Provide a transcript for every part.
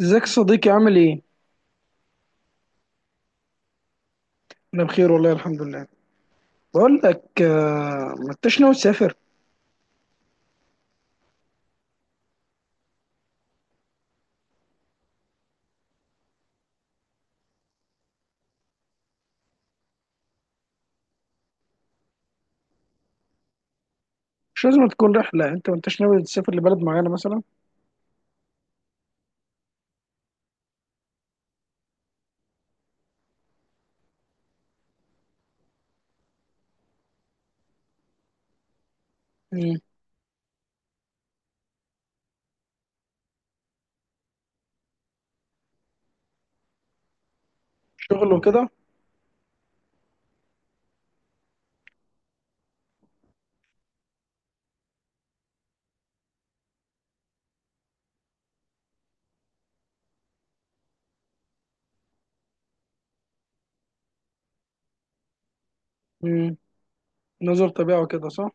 ازيك يا صديقي عامل ايه؟ انا بخير والله الحمد لله. بقول لك ما انتش ناوي تسافر. مش لازم تكون رحلة، انت ما انتش ناوي تسافر لبلد معينة مثلا؟ مم. شغل وكده. مم. نظر طبيعة وكده صح؟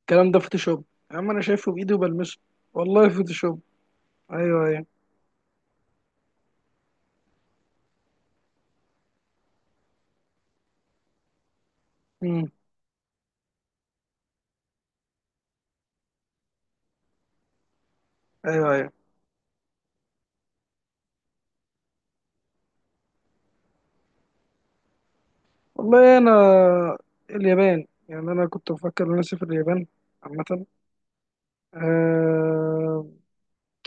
الكلام ده فوتوشوب. يا عم انا شايفه بايدي وبلمسه. والله فوتوشوب. ايوه، ايوه. مم. ايوه، ايوه. والله انا اليابان، يعني انا كنت بفكر ان انا اسافر اليابان عامة. أه،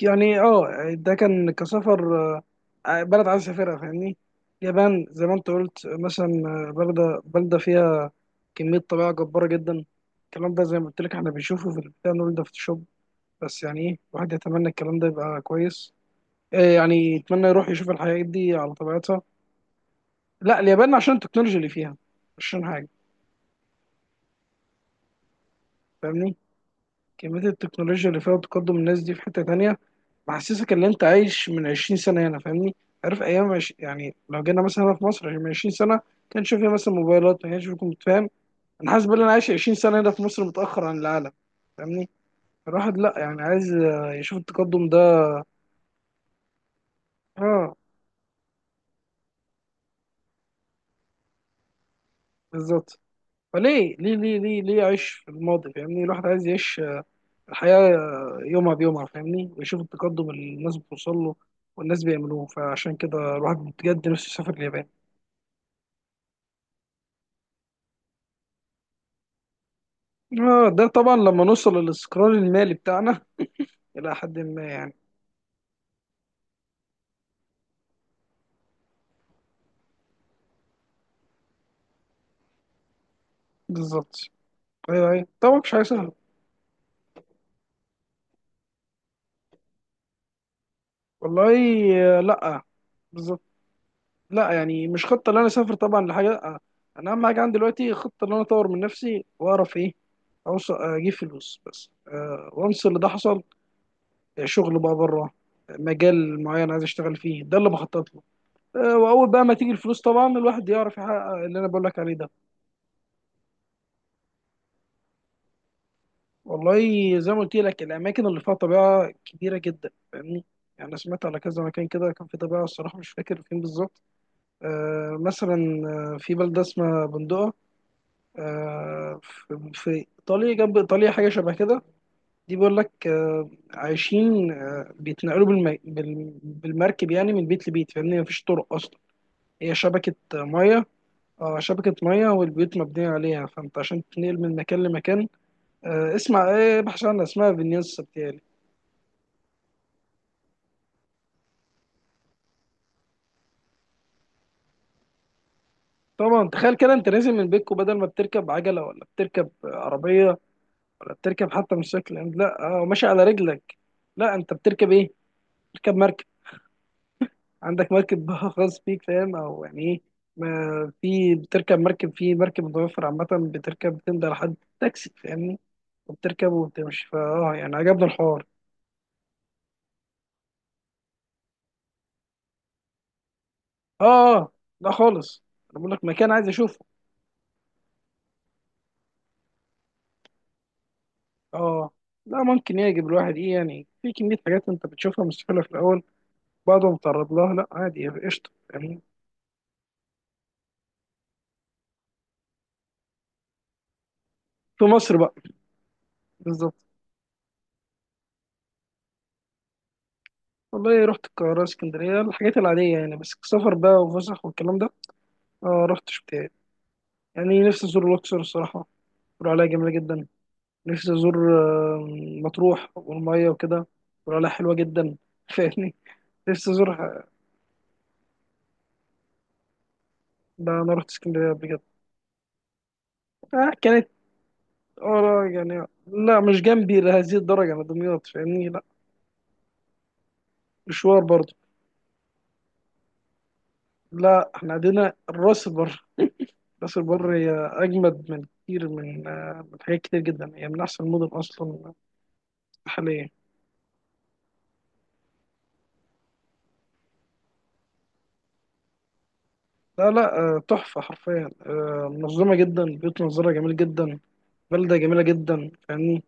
يعني اه، ده كان كسفر، بلد عايز اسافرها، فاهمني؟ اليابان زي ما انت قلت مثلا. بلدة بلدة فيها كمية طبيعة جبارة جدا. الكلام ده زي ما قلت لك احنا بنشوفه في البتاع، نقول ده فوتوشوب. بس يعني ايه، الواحد يتمنى الكلام ده يبقى كويس. يعني يتمنى يروح يشوف الحاجات دي على طبيعتها. لا اليابان عشان التكنولوجيا اللي فيها، مش عشان حاجة، فاهمني؟ كمية التكنولوجيا اللي فيها وتقدم الناس دي في حتة تانية، محسسك ان انت عايش من 20 سنة هنا، فاهمني؟ عارف ايام يعني لو جينا مثلا هنا في مصر يعني من 20 سنة، كان شوف فيه مثلا موبايلات، ما كانش فيه، كنت فاهم؟ انا حاسس ان انا عايش 20 سنة هنا في مصر متأخر عن العالم، فاهمني؟ الواحد لا يعني عايز يشوف التقدم ده. اه بالظبط. فليه ليه ليه ليه ليه عيش في الماضي، فاهمني؟ الواحد عايز يعيش الحياة، يومها بيومها، فاهمني؟ ويشوف التقدم اللي الناس بتوصل له والناس بيعملوه، فعشان كده الواحد بجد نفسه يسافر اليابان. اه ده طبعا لما نوصل للاستقرار المالي بتاعنا الى حد ما يعني. بالظبط. ايوه، ايوه، طبعا مش حاجه سهله. والله لا، بالظبط. لا يعني مش خطه ان انا اسافر طبعا لحاجه، لا. انا اهم حاجه عندي دلوقتي خطه ان انا اطور من نفسي واعرف ايه. اوصل اجيب فلوس بس، أه، وامس اللي ده حصل. شغل بقى بره. مجال معين عايز اشتغل فيه، ده اللي بخطط له. أه، واول بقى ما تيجي الفلوس طبعا الواحد يعرف يحقق اللي انا بقول لك عليه ده. والله زي ما قلت لك الاماكن اللي فيها طبيعه كبيره جدا، فاهمني؟ يعني انا سمعت على كذا مكان كده، كان في طبيعه الصراحه، مش فاكر فين بالظبط. آه مثلا، في بلده اسمها بندقه، آه. في ايطاليا، جنب ايطاليا، حاجه شبه كده. دي بيقول لك آه عايشين آه بيتنقلوا بالمركب يعني من بيت لبيت، فاهمني؟ مفيش طرق اصلا. هي شبكه ميه. اه شبكه ميه والبيوت مبنيه عليها، فانت عشان تنقل من مكان لمكان، آه اسمع ايه، بحث عنها، اسمها فينيس. طبعا تخيل كده انت نازل من بيتكو، بدل ما بتركب عجله ولا بتركب عربيه ولا بتركب حتى مش شكل، لا اه ماشي على رجلك. لا انت بتركب ايه، بتركب مركب. عندك مركب بقى خاص بيك، فاهم؟ او يعني ايه. ما في بتركب مركب، في مركب متوفر عامه، بتركب بتمضي على حد تاكسي، فاهمني؟ وبتركب وبتمشي، فاه يعني عجبني الحوار. اه، اه، لا خالص. انا بقول لك مكان عايز اشوفه. اه، لا ممكن يعجب الواحد ايه، يعني في كميه حاجات انت بتشوفها مستحيله في الاول. بعد ما تعرض لها لا عادي يعني قشطه يعني. في مصر بقى، بالظبط. والله رحت القاهره اسكندريه الحاجات العاديه يعني، بس السفر بقى وفسح والكلام ده، آه رحتش بتاعي. يعني نفسي ازور الاقصر الصراحه، بيقولوا عليها جميله جدا. نفسي ازور آه، مطروح والميه وكده، بيقولوا عليها حلوه جدا فاهمني. نفسي ازورها. ده انا رحت اسكندريه قبل كده، آه كانت، اه يعني لا مش جنبي لهذه الدرجه، انا دمياط، فاهمني؟ لا مشوار برضه. لا احنا عندنا الراس بر، راس البر هي أجمد من كتير من من حاجات كتير جدا، هي من أحسن المدن أصلا حاليا. لا لا تحفة حرفيا، منظمة جدا، بيوت منظرها جميل جدا، بلدة جميلة جدا، فاهمني؟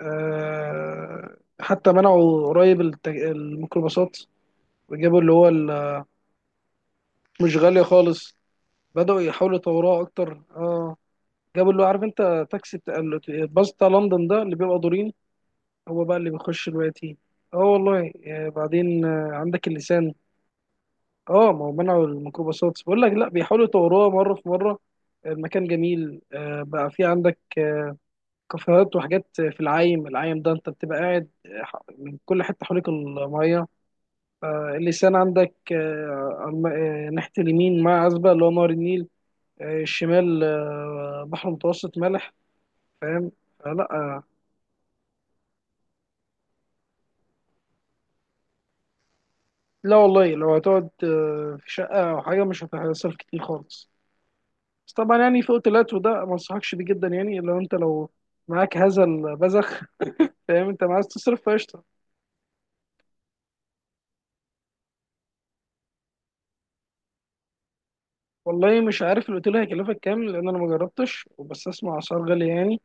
حتى منعوا قريب الميكروباصات وجابوا اللي هو مش غالية خالص. بدأوا يحاولوا يطوروها أكتر اه. جابوا اللي هو عارف أنت تاكسي الباص بتاع لندن ده اللي بيبقى دورين. هو بقى اللي بيخش دلوقتي. اه والله بعدين عندك اللسان. اه ما هو منعوا الميكروباصات بقول لك، لا بيحاولوا يطوروها مره في مره. المكان جميل، بقى في عندك كافيهات وحاجات في العايم العايم ده. انت بتبقى قاعد، من كل حته حواليك الميه. اللسان عندك، على ناحيه اليمين مع عزبه اللي هو نهر النيل. الشمال، بحر متوسط مالح، فاهم؟ فلا لا والله لو هتقعد في شقه او حاجه مش هتصرف كتير خالص. بس طبعا يعني فوق الوقت وده ما انصحكش بيه جدا، يعني لو انت لو معاك هذا البذخ فاهم انت عايز تصرف فقشطه. والله مش عارف الاوتيل هيكلفك كام، لان انا ما جربتش، وبس اسمع اسعار غاليه يعني.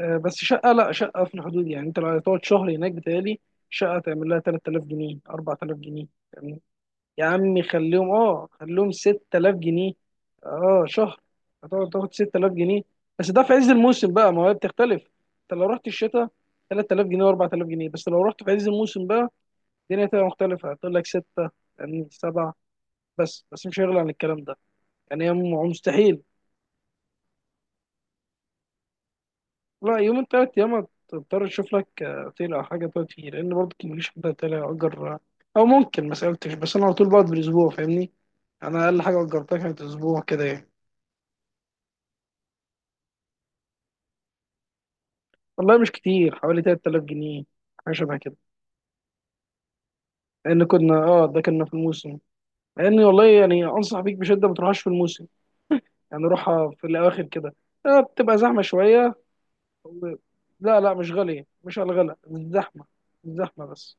بس شقه، لا شقه في الحدود، يعني انت لو هتقعد شهر هناك بتهيألي شقه تعمل لها 3000 جنيه 4000 جنيه. يا عمي خليهم اه خليهم 6000 جنيه. اه شهر، هتقعد تاخد 6000 جنيه. بس ده في عز الموسم بقى، ما هي بتختلف. انت لو رحت الشتاء 3000 جنيه و4000 جنيه، بس لو رحت في عز الموسم بقى الدنيا تبقى مختلفة، هتقول لك 6 يعني 7. بس بس مش هيغلى عن الكلام ده، يعني هي مستحيل. لا يومين تلات ايام هتضطر تشوف لك اوتيل او حاجة تقعد فيه، لان برضه مفيش حد هيطلع يأجر. او ممكن ما سألتش، بس انا على طول بقعد بالاسبوع، فاهمني؟ انا اقل حاجة أجرتها كانت اسبوع كده يعني. والله مش كتير حوالي 3000 جنيه، حاجه شبه كده. لان كنا اه ده كنا في الموسم. لان والله يعني انصح بيك بشده ما تروحش في الموسم، يعني روحها في الاواخر كده. آه بتبقى زحمه شويه و... لا لا مش غاليه، مش على الغلا، الزحمه، الزحمه بس.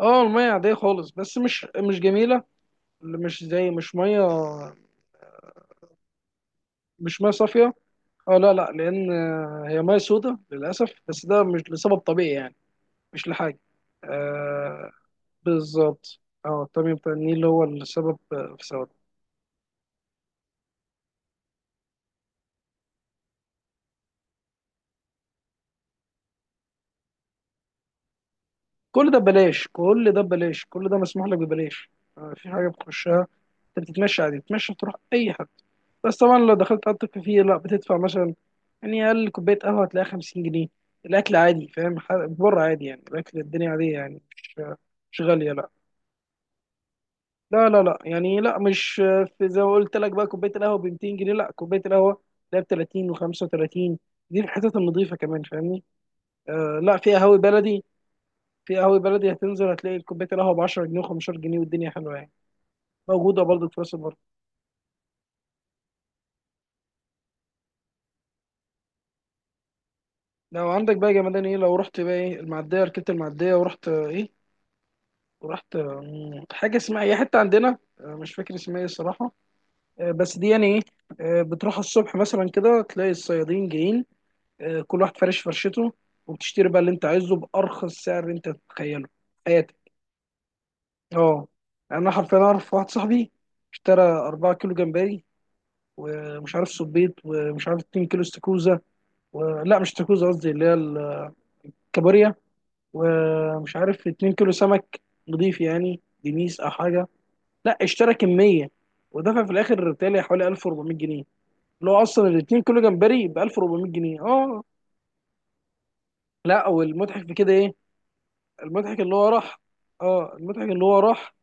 اه الميه عاديه خالص، بس مش جميله، مش زي، مش ميه، مش ميه صافيه. اه لا لا لان هي ميه سودة للاسف، بس ده مش لسبب طبيعي يعني، مش لحاجه، آه، بالظبط. اه الطبيعي بتاع النيل هو السبب في سبب. كل ده ببلاش، كل ده ببلاش، كل ده مسموح لك ببلاش. في حاجه بتخشها، انت بتتمشى عادي بتتمشى تروح اي حد. بس طبعا لو دخلت قعدت فيه لا بتدفع مثلا، يعني اقل كوبايه قهوه هتلاقيها 50 جنيه. الاكل عادي فاهم، بره عادي يعني الاكل الدنيا عاديه يعني مش، مش غاليه لا. لا لا لا، يعني لا، مش في زي ما قلت لك بقى كوبايه القهوه ب 200 جنيه، لا كوبايه القهوه ده ب 30 و35. دي الحتت النظيفه كمان، فاهمني؟ آه لا في قهاوي بلدي، في قهاوي بلدي هتنزل هتلاقي الكوبايه القهوه ب 10 جنيه و15 جنيه والدنيا حلوه يعني. موجوده برضه في راس البر. لو عندك بقى يا جمدان ايه، لو رحت بقى ايه، المعديه ركبت المعديه ورحت ايه، ورحت حاجه اسمها ايه حته عندنا، مش فاكر اسمها ايه الصراحه. بس دي يعني ايه، بتروح الصبح مثلا كده تلاقي الصيادين جايين. كل واحد فارش فرشته، وبتشتري بقى اللي انت عايزه بارخص سعر انت تتخيله في حياتك. اه انا حرفيا اعرف واحد صاحبي، اشترى 4 كيلو جمبري، ومش عارف صبيط، ومش عارف 2 كيلو استاكوزا، ولا مش استاكوزا قصدي اللي هي الكابوريا. ومش عارف 2 كيلو سمك نضيف يعني دنيس او حاجه. لا اشترى كميه، ودفع في الاخر بتهيألي حوالي 1400 جنيه، اللي هو اصلا ال 2 كيلو جمبري ب 1400 جنيه اه. لا والمضحك في كده ايه، المضحك اللي هو راح، اه المضحك اللي هو راح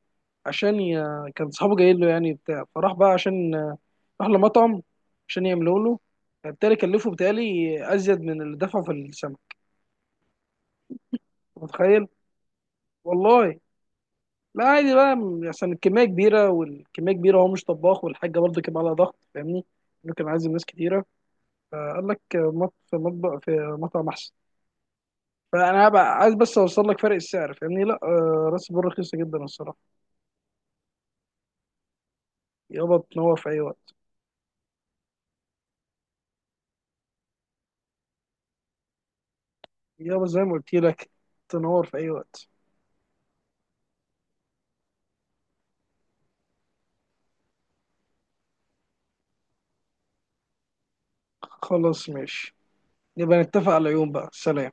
عشان ي... كان صحابه جايين له، يعني بتاع فراح بقى، عشان راح لمطعم عشان يعملوا له. فبالتالي كلفه بتهيألي أزيد من اللي دفعه في السمك، أنت متخيل؟ والله لا عادي بقى عشان الكمية كبيرة، والكمية كبيرة هو مش طباخ، والحاجة برضه كان عليها ضغط، فاهمني؟ إنه كان عازم ناس كتيرة، فقال لك في مطبخ في مطعم أحسن. فأنا هبقى عايز بس أوصل لك فرق السعر، فاهمني؟ لا راس البر رخيصة جدا الصراحة. يابا تنور في أي وقت. يابا زي ما قلت لك تنور في أي وقت. خلاص ماشي، نبقى نتفق على يوم بقى، سلام.